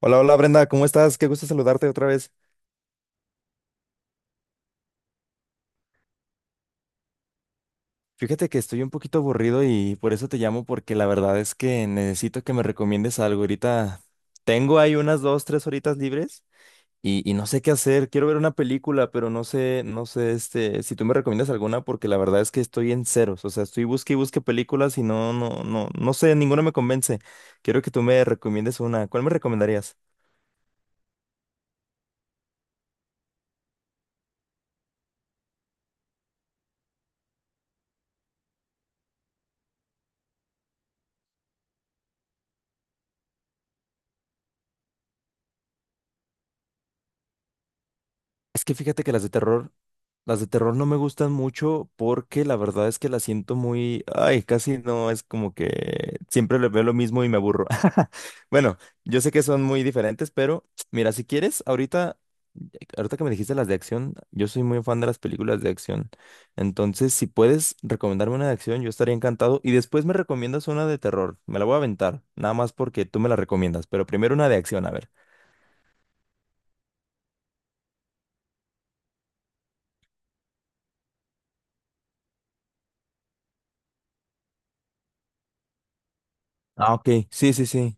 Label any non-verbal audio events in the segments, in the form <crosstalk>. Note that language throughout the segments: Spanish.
Hola, hola Brenda, ¿cómo estás? Qué gusto saludarte otra vez. Fíjate que estoy un poquito aburrido y por eso te llamo porque la verdad es que necesito que me recomiendes algo. Ahorita tengo ahí unas dos, tres horitas libres y no sé qué hacer. Quiero ver una película, pero no sé, si tú me recomiendas alguna porque la verdad es que estoy en ceros. O sea, estoy busque y busque películas y no, no sé, ninguna me convence. Quiero que tú me recomiendes una. ¿Cuál me recomendarías? Es que fíjate que las de terror no me gustan mucho porque la verdad es que las siento muy, ay, casi no, es como que siempre le veo lo mismo y me aburro. <laughs> Bueno, yo sé que son muy diferentes, pero mira, si quieres, ahorita que me dijiste las de acción, yo soy muy fan de las películas de acción. Entonces, si puedes recomendarme una de acción, yo estaría encantado. Y después me recomiendas una de terror. Me la voy a aventar, nada más porque tú me la recomiendas, pero primero una de acción, a ver. Ah, ok, sí, sí, sí.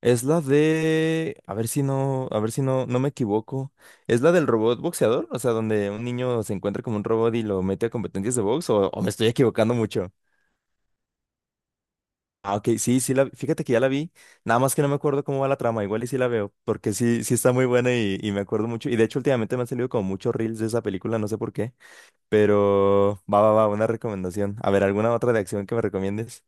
Es la de, a ver si no, no me equivoco. ¿Es la del robot boxeador? O sea, donde un niño se encuentra como un robot y lo mete a competencias de box, o me estoy equivocando mucho. Ah, ok, sí, fíjate que ya la vi. Nada más que no me acuerdo cómo va la trama, igual y sí la veo, porque sí, sí está muy buena y me acuerdo mucho. Y de hecho, últimamente me han salido como muchos reels de esa película, no sé por qué. Pero va, una recomendación. A ver, ¿alguna otra de acción que me recomiendes?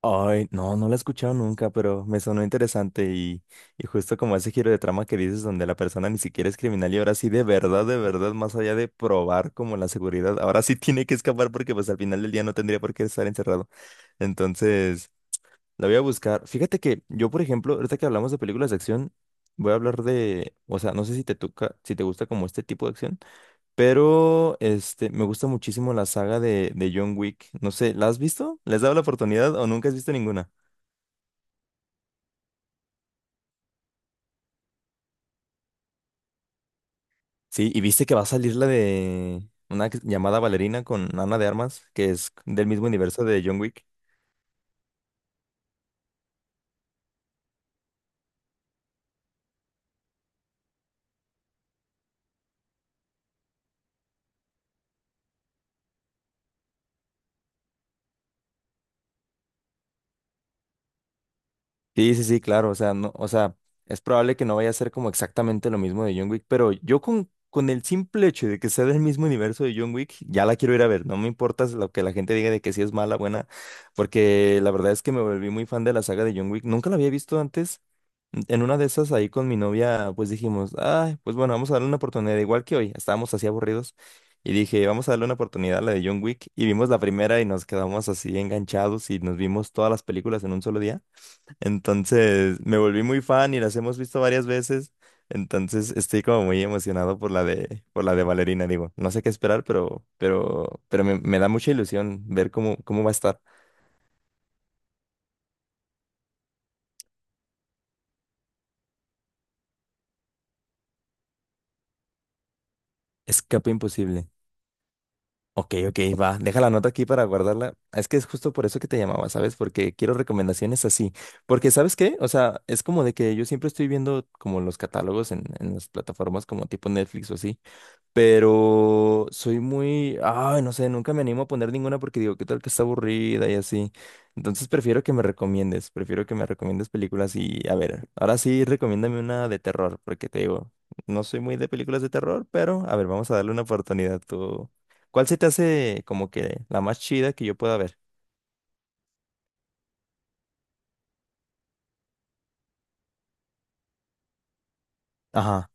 Ay, no, no la he escuchado nunca, pero me sonó interesante y justo como ese giro de trama que dices donde la persona ni siquiera es criminal y ahora sí de verdad, más allá de probar como la seguridad, ahora sí <laughs> tiene que escapar porque pues al final del día no tendría por qué estar encerrado. Entonces, la voy a buscar. Fíjate que yo, por ejemplo, ahorita que hablamos de películas de acción, voy a hablar de, o sea, no sé si te toca, si te gusta como este tipo de acción, pero este, me gusta muchísimo la saga de John Wick. No sé, ¿la has visto? ¿Les has dado la oportunidad o nunca has visto ninguna? Sí, y viste que va a salir la de llamada Valerina con Ana de Armas, que es del mismo universo de John Wick. Sí, sí, sí, claro, o sea, es probable que no vaya a ser como exactamente lo mismo de John Wick, pero yo con el simple hecho de que sea del mismo universo de John Wick, ya la quiero ir a ver, no me importa lo que la gente diga de que sí es mala, buena, porque la verdad es que me volví muy fan de la saga de John Wick, nunca la había visto antes, en una de esas ahí con mi novia, pues dijimos, ay, pues bueno, vamos a darle una oportunidad, igual que hoy, estábamos así aburridos, y dije, vamos a darle una oportunidad a la de John Wick, y vimos la primera y nos quedamos así enganchados y nos vimos todas las películas en un solo día. Entonces me volví muy fan y las hemos visto varias veces. Entonces estoy como muy emocionado por por la de Valerina, digo. No sé qué esperar, pero, pero me da mucha ilusión ver cómo va a estar. Escape imposible. Ok, ok, va. Deja la nota aquí para guardarla. Es que es justo por eso que te llamaba, ¿sabes? Porque quiero recomendaciones así. Porque, ¿sabes qué? O sea, es como de que yo siempre estoy viendo como los catálogos en las plataformas como tipo Netflix o así. Pero soy muy, ay, no sé, nunca me animo a poner ninguna porque digo, ¿qué tal que está aburrida y así? Entonces prefiero que me recomiendes películas y, a ver, ahora sí, recomiéndame una de terror, porque te digo, no soy muy de películas de terror, pero, a ver, vamos a darle una oportunidad. Tú, ¿cuál se te hace como que la más chida que yo pueda ver? Ajá.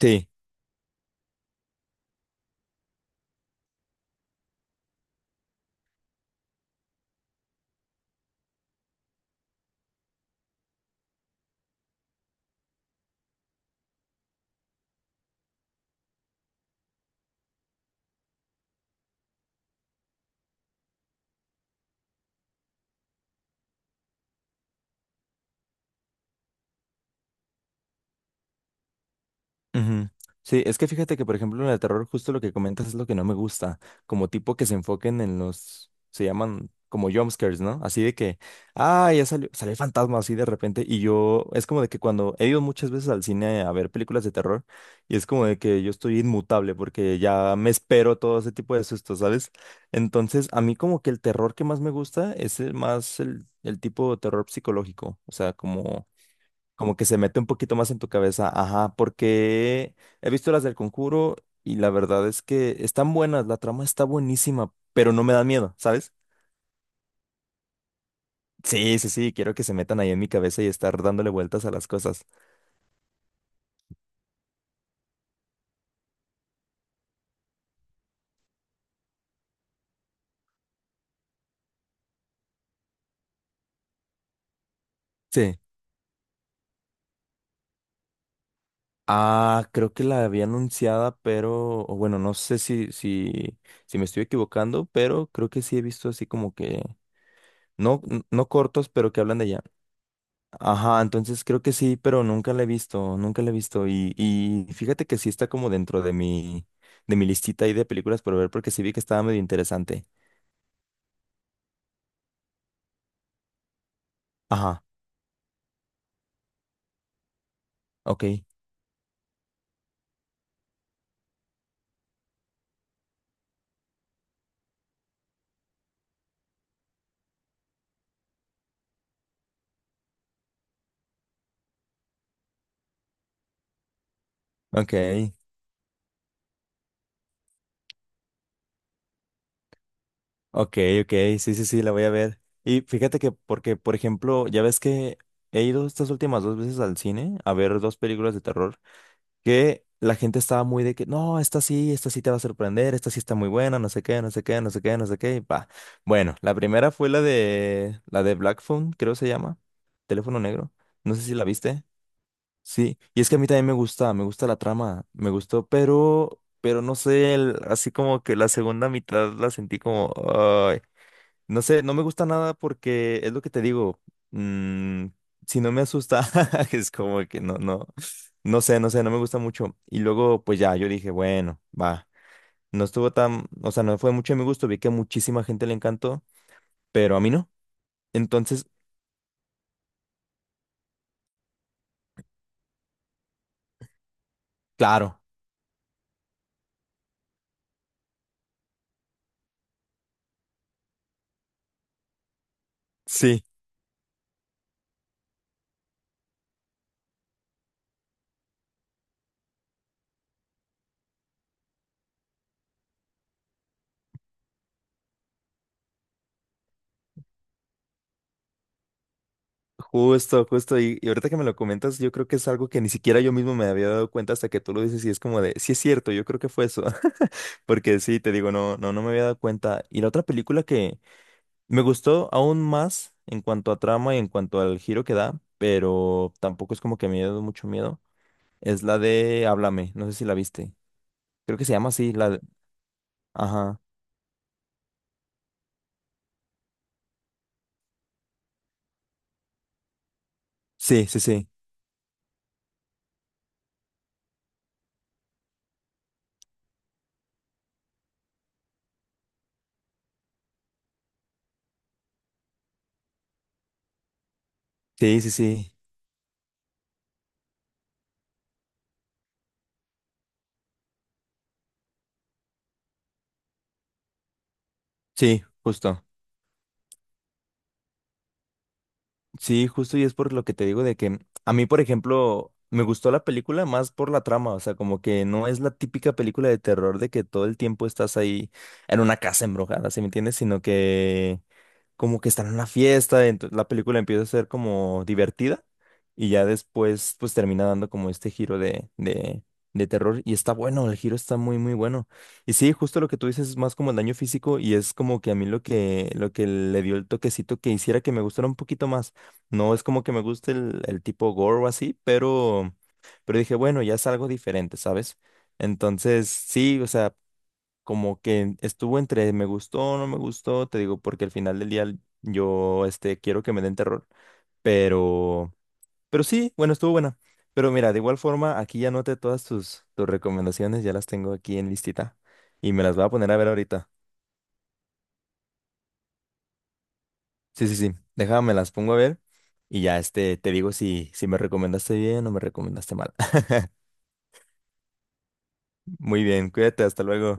Sí. Ujú. Sí, es que fíjate que, por ejemplo, en el terror, justo lo que comentas es lo que no me gusta, como tipo que se enfoquen en los, se llaman como jumpscares, ¿no? Así de que, ah, salió el fantasma así de repente, y yo, es como de que cuando he ido muchas veces al cine a ver películas de terror, y es como de que yo estoy inmutable porque ya me espero todo ese tipo de sustos, ¿sabes? Entonces, a mí como que el terror que más me gusta es el tipo de terror psicológico, o sea, como como que se mete un poquito más en tu cabeza, ajá, porque he visto las del Conjuro y la verdad es que están buenas, la trama está buenísima, pero no me da miedo, ¿sabes? Sí, sí, sí, quiero que se metan ahí en mi cabeza y estar dándole vueltas a las cosas. Sí. Ah, creo que la había anunciada, pero, o bueno, no sé si, si, si me estoy equivocando, pero creo que sí he visto así como que, no cortos, pero que hablan de ella. Ajá, entonces creo que sí, pero nunca la he visto, nunca la he visto. Y fíjate que sí está como dentro de mi listita ahí de películas por ver, porque sí vi que estaba medio interesante. Ajá, ok, ok, ok, sí, sí, sí, la voy a ver. Y fíjate que, porque, por ejemplo, ya ves que he ido estas últimas dos veces al cine a ver dos películas de terror. Que la gente estaba muy de que, no, esta sí te va a sorprender, esta sí está muy buena, no sé qué, no sé qué, no sé qué, no sé qué, y pa. Bueno, la primera fue la de Black Phone, creo se llama, teléfono negro, no sé si la viste, sí, y es que a mí también me gusta la trama, me gustó, pero no sé, el- así como que la segunda mitad la sentí como, no sé, no me gusta nada porque es lo que te digo. mm, si no me asusta, <laughs> es como que no sé, no me gusta mucho. Y luego, pues ya, yo dije, bueno, va. No estuvo tan, o sea, no fue mucho de mi gusto. Vi que a muchísima gente le encantó, pero a mí no. Entonces, claro, sí, justo. Y ahorita que me lo comentas, yo creo que es algo que ni siquiera yo mismo me había dado cuenta hasta que tú lo dices y es como de, sí es cierto, yo creo que fue eso. <laughs> Porque sí, te digo, no me había dado cuenta. Y la otra película que me gustó aún más en cuanto a trama y en cuanto al giro que da, pero tampoco es como que me dio mucho miedo. Es la de Háblame, no sé si la viste. Creo que se llama así, la de... Ajá. Sí, sí, sí. Sí, sí, sí. Sí, justo. Sí, justo y es por lo que te digo de que a mí, por ejemplo, me gustó la película más por la trama, o sea, como que no es la típica película de terror de que todo el tiempo estás ahí en una casa embrujada, ¿sí me entiendes? Sino que como que están en una fiesta, entonces la película empieza a ser como divertida y ya después pues termina dando como este giro de terror y está bueno, el giro está muy muy bueno. Y sí, justo lo que tú dices es más como el daño físico y es como que a mí lo que le dio el toquecito que hiciera que me gustara un poquito más. No es como que me guste el tipo gore o así, pero dije, bueno, ya es algo diferente, ¿sabes? Entonces, sí, o sea, como que estuvo entre me gustó, no me gustó, te digo, porque al final del día yo, este, quiero que me den terror, pero, pero sí, bueno, estuvo buena. Pero mira, de igual forma, aquí ya anoté todas tus recomendaciones, ya las tengo aquí en listita y me las voy a poner a ver ahorita. Sí, sí, sí, déjame, las pongo a ver y ya, este, te digo si me recomendaste bien o me recomendaste mal. Muy bien, cuídate, hasta luego.